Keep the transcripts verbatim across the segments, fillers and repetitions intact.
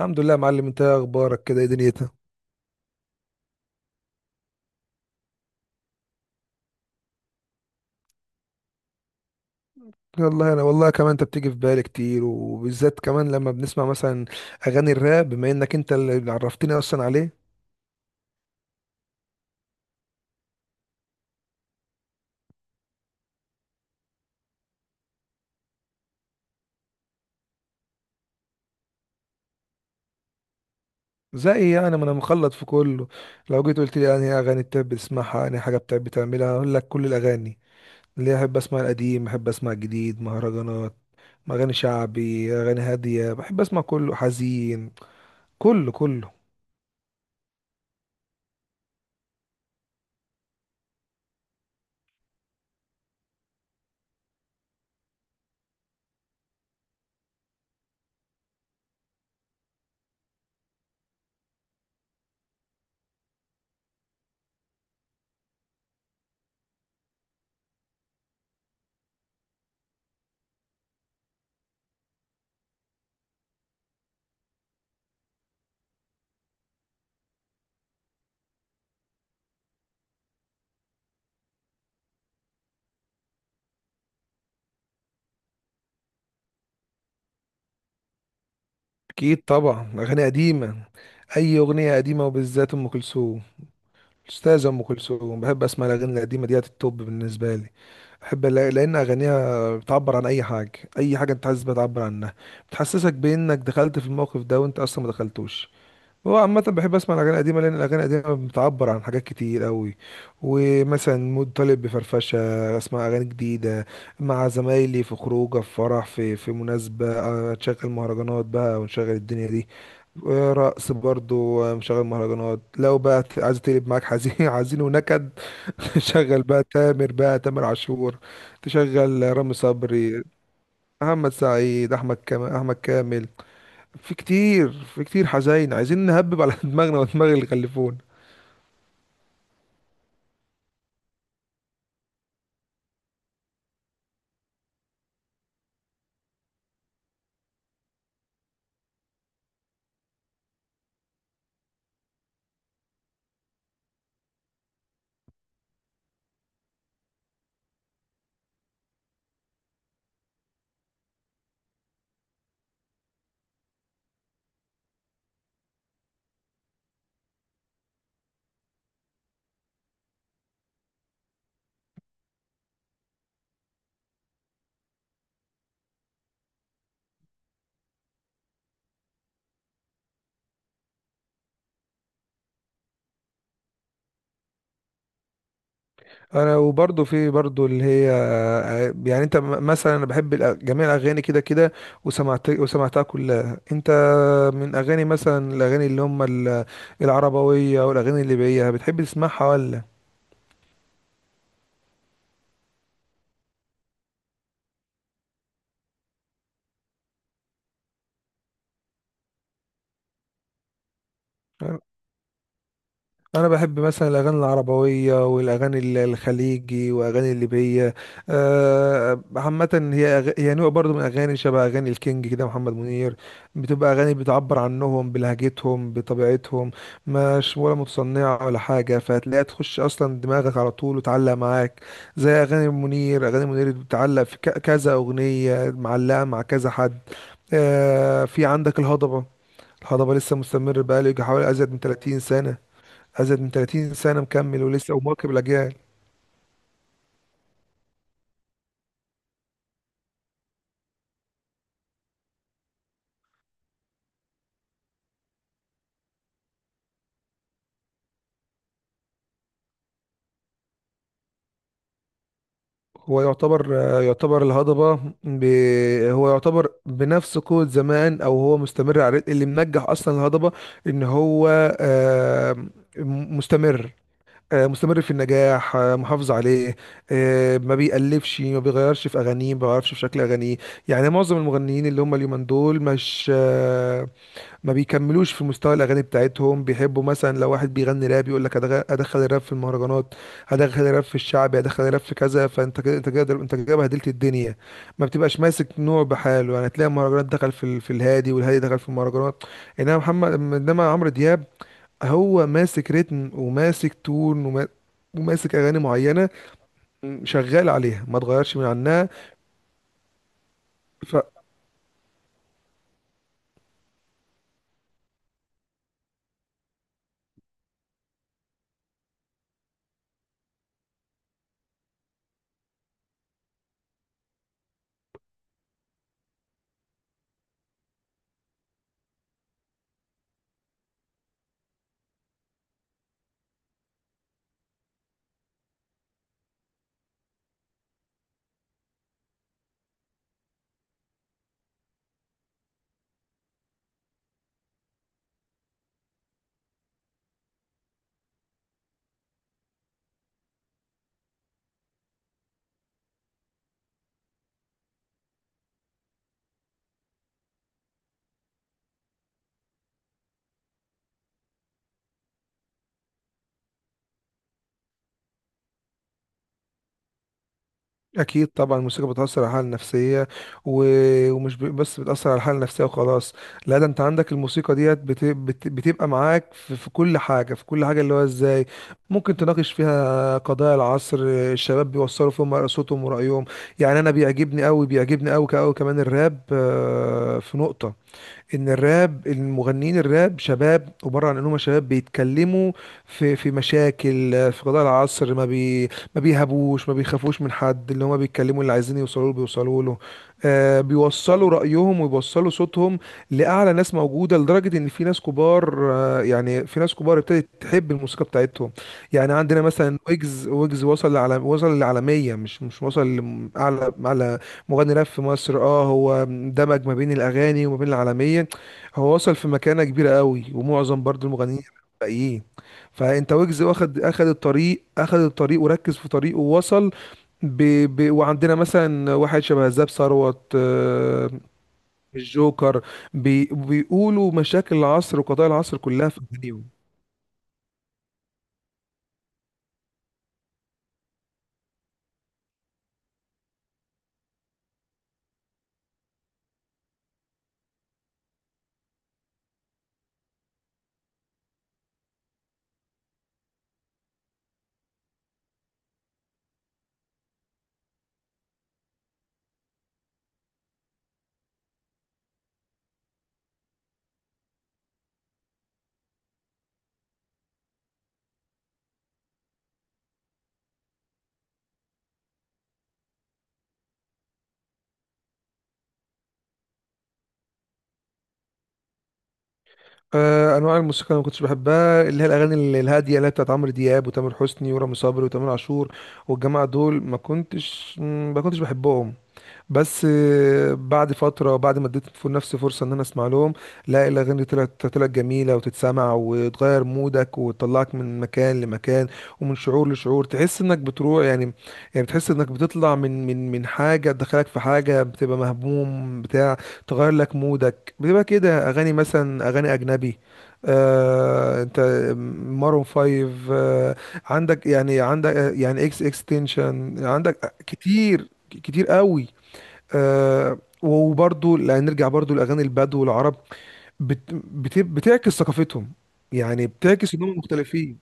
الحمد لله يا معلم، انت ايه اخبارك كده؟ ايه دنيتك؟ والله انا، والله كمان انت بتيجي في بالي كتير، وبالذات كمان لما بنسمع مثلا اغاني الراب، بما انك انت اللي عرفتني اصلا عليه. زي يعني ما انا مخلط في كله. لو جيت قلت لي انهي اغاني بتحب تسمعها، انهي حاجه بتحب تعملها، هقول لك كل الاغاني اللي احب. اسمع القديم، احب اسمع الجديد، مهرجانات، اغاني شعبي، اغاني هاديه، بحب اسمع كله، حزين، كله كله. اكيد طبعا اغاني قديمه، اي اغنيه قديمه وبالذات ام كلثوم. أستاذة أم كلثوم، بحب أسمع الأغاني القديمة ديت، التوب بالنسبة لي. أحب لا- لأن أغانيها بتعبر عن أي حاجة، أي حاجة أنت حاسس بتعبر عنها، بتحسسك بأنك دخلت في الموقف ده وأنت أصلا ما دخلتوش. هو عامة بحب أسمع الأغاني القديمة، لأن الأغاني القديمة بتعبر عن حاجات كتير أوي. ومثلا مود طالب بفرفشة، أسمع أغاني جديدة مع زمايلي في خروجه، في فرح، في في مناسبة، أشغل مهرجانات بقى ونشغل الدنيا دي. رقص برضو مشغل مهرجانات. لو بقى ت- عايز تقلب معاك حزين، حزين ونكد، شغل بقى تامر، بقى تامر عاشور، تشغل رامي صبري، محمد سعيد، احمد كامل، احمد كامل. في كتير، في كتير حزين، عايزين نهبب على دماغنا ودماغ اللي خلفونا. انا وبرضه في برضه اللي هي، يعني انت م- مثلا، انا بحب الأ- جميع الاغاني كده كده، وسمعت وسمعتها كلها انت. من اغاني مثلا، الاغاني اللي هم ال- العربويه والاغاني الليبيه، بتحب تسمعها ولا؟ انا بحب مثلا الاغاني العربويه والاغاني ال- الخليجي واغاني الليبيه. آه، عامه هي أغ- هي نوع برضو من اغاني، شبه اغاني الكينج كده، محمد منير. بتبقى اغاني بتعبر عنهم بلهجتهم، بطبيعتهم، مش ولا متصنعه ولا حاجه، فهتلاقيها تخش اصلا دماغك على طول وتعلق معاك. زي اغاني منير، اغاني منير بتعلق في ك- كذا اغنيه، معلقه مع كذا حد. آه، في عندك الهضبة. الهضبة لسه مستمر، بقاله يجي حوالي أزيد من ثلاثين سنة. أزيد من ثلاثين سنة مكمل ولسه ومواكب الأجيال. هو يعتبر، آه، يعتبر الهضبة ب... هو يعتبر بنفس قوة زمان، أو هو مستمر على الريت اللي منجح أصلا الهضبة. إن هو آه، م- مستمر، آه، مستمر في النجاح، آه، محافظ عليه. آه، ما بيألفش، ما بيغيرش في أغانيه، ما بيغيرش في شكل أغانيه. يعني معظم المغنيين اللي هم اليومين دول، مش آه، ما بيكملوش في مستوى الاغاني بتاعتهم. بيحبوا مثلا لو واحد بيغني راب يقول لك ادخل الراب في المهرجانات، هدخل الراب في الشعبي، هدخل الراب في كذا، فانت كده، انت كده، انت كده بهدلت الدنيا، ما بتبقاش ماسك نوع بحاله. يعني تلاقي المهرجانات دخل في ال- في الهادي، والهادي دخل في المهرجانات. انما محمد انما عمرو دياب، هو ماسك ريتم وماسك تون، وما- وماسك اغاني معينه، شغال عليها، ما اتغيرش من عنها. أكيد طبعا الموسيقى بتأثر على الحالة النفسية. و... ومش ب... بس بتأثر على الحالة النفسية وخلاص. لا، ده أنت عندك الموسيقى ديت بت... بت... بتبقى معاك في... في كل حاجة، في كل حاجة، اللي هو إزاي ممكن تناقش فيها قضايا العصر. الشباب بيوصلوا فيهم صوتهم ورأيهم. يعني أنا بيعجبني أوي، بيعجبني أوي أوي كمان الراب. آه، في نقطة ان الراب، المغنيين الراب شباب، عباره عن انهم شباب بيتكلموا في في مشاكل، في قضايا العصر. ما بي ما بيهابوش، ما بيخافوش من حد. اللي هما بيتكلموا، اللي عايزين يوصلوا له بيوصلوا له. آه بيوصلوا رايهم ويوصلوا صوتهم لاعلى ناس موجوده، لدرجه ان في ناس كبار، آه يعني في ناس كبار ابتدت تحب الموسيقى بتاعتهم. يعني عندنا مثلا ويجز، ويجز وصل لعالم، وصل للعالميه، مش مش وصل لاعلى، اعلى مغني راب في مصر. اه هو دمج ما بين الاغاني وما بين العالميه. هو وصل في مكانه كبيره قوي، ومعظم برضو المغنيين الباقيين. فانت ويجز واخد، اخد الطريق، اخد الطريق وركز في طريقه ووصل. ب... ب... وعندنا مثلا واحد شبه زاب ثروت، آه، الجوكر، بي... بيقولوا مشاكل العصر وقضايا العصر كلها في اغانيهم. آه، انواع الموسيقى اللي ما كنتش بحبها، اللي هي الاغاني ال- الهاديه، اللي هي بتاعت عمرو دياب وتامر حسني ورامي صبري وتامر عاشور والجماعه دول. ما كنتش، مم، ما كنتش بحبهم. بس آه، بعد فترة، بعد ما اديت ف- نفسي فرصة ان انا اسمع لهم، لا الاغاني طلعت، طلعت جميلة وتتسمع وتغير مودك وتطلعك من مكان لمكان، ومن شعور لشعور، تحس انك بتروح يعني. يعني بتحس انك بتطلع من من من حاجة تدخلك في حاجة، بتبقى مهموم بتاع، تغير لك مودك، بتبقى كده. اغاني مثلا اغاني اجنبي، آه انت، مارون فايف، آه عندك، يعني عندك، آه، يعني اكس اكستنشن، عندك كتير كتير قوي. آه وبرضو، لا نرجع برضو لأغاني البدو والعرب، بت بت بتعكس ثقافتهم، يعني بتعكس إنهم مختلفين.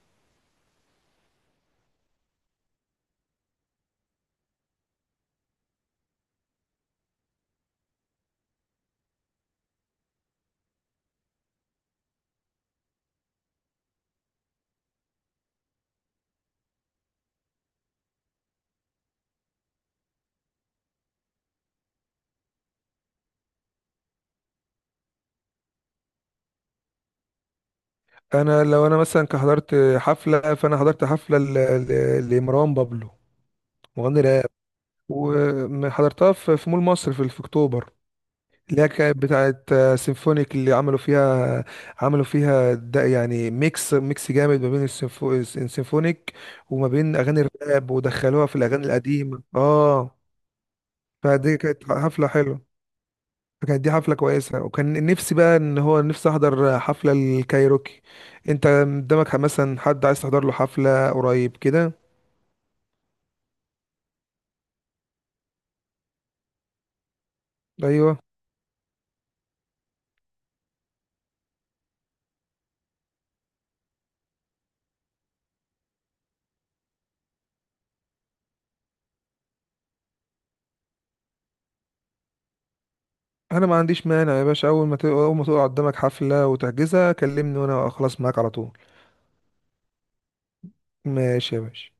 أنا لو أنا مثلا حضرت حفلة، فأنا حضرت حفلة ل- ل- لمروان بابلو، مغني راب، وحضرتها في في مول مصر في في أكتوبر. اللي هي كانت بتاعت سيمفونيك، اللي عملوا فيها، عملوا فيها ده يعني ميكس ميكس جامد ما بين السيمفو- السيمفونيك وما بين أغاني الراب، ودخلوها في الأغاني القديمة، اه. فدي كانت حفلة حلوة فكانت دي حفلة كويسة، وكان نفسي بقى ان هو، نفسي احضر حفلة الكايروكي. انت قدامك مثلا حد عايز تحضر له حفلة قريب كده؟ ايوه، انا ما عنديش مانع يا باشا، اول ما تق- اول ما تقع قدامك حفلة وتحجزها كلمني وانا اخلص معاك على طول. ماشي يا باشا.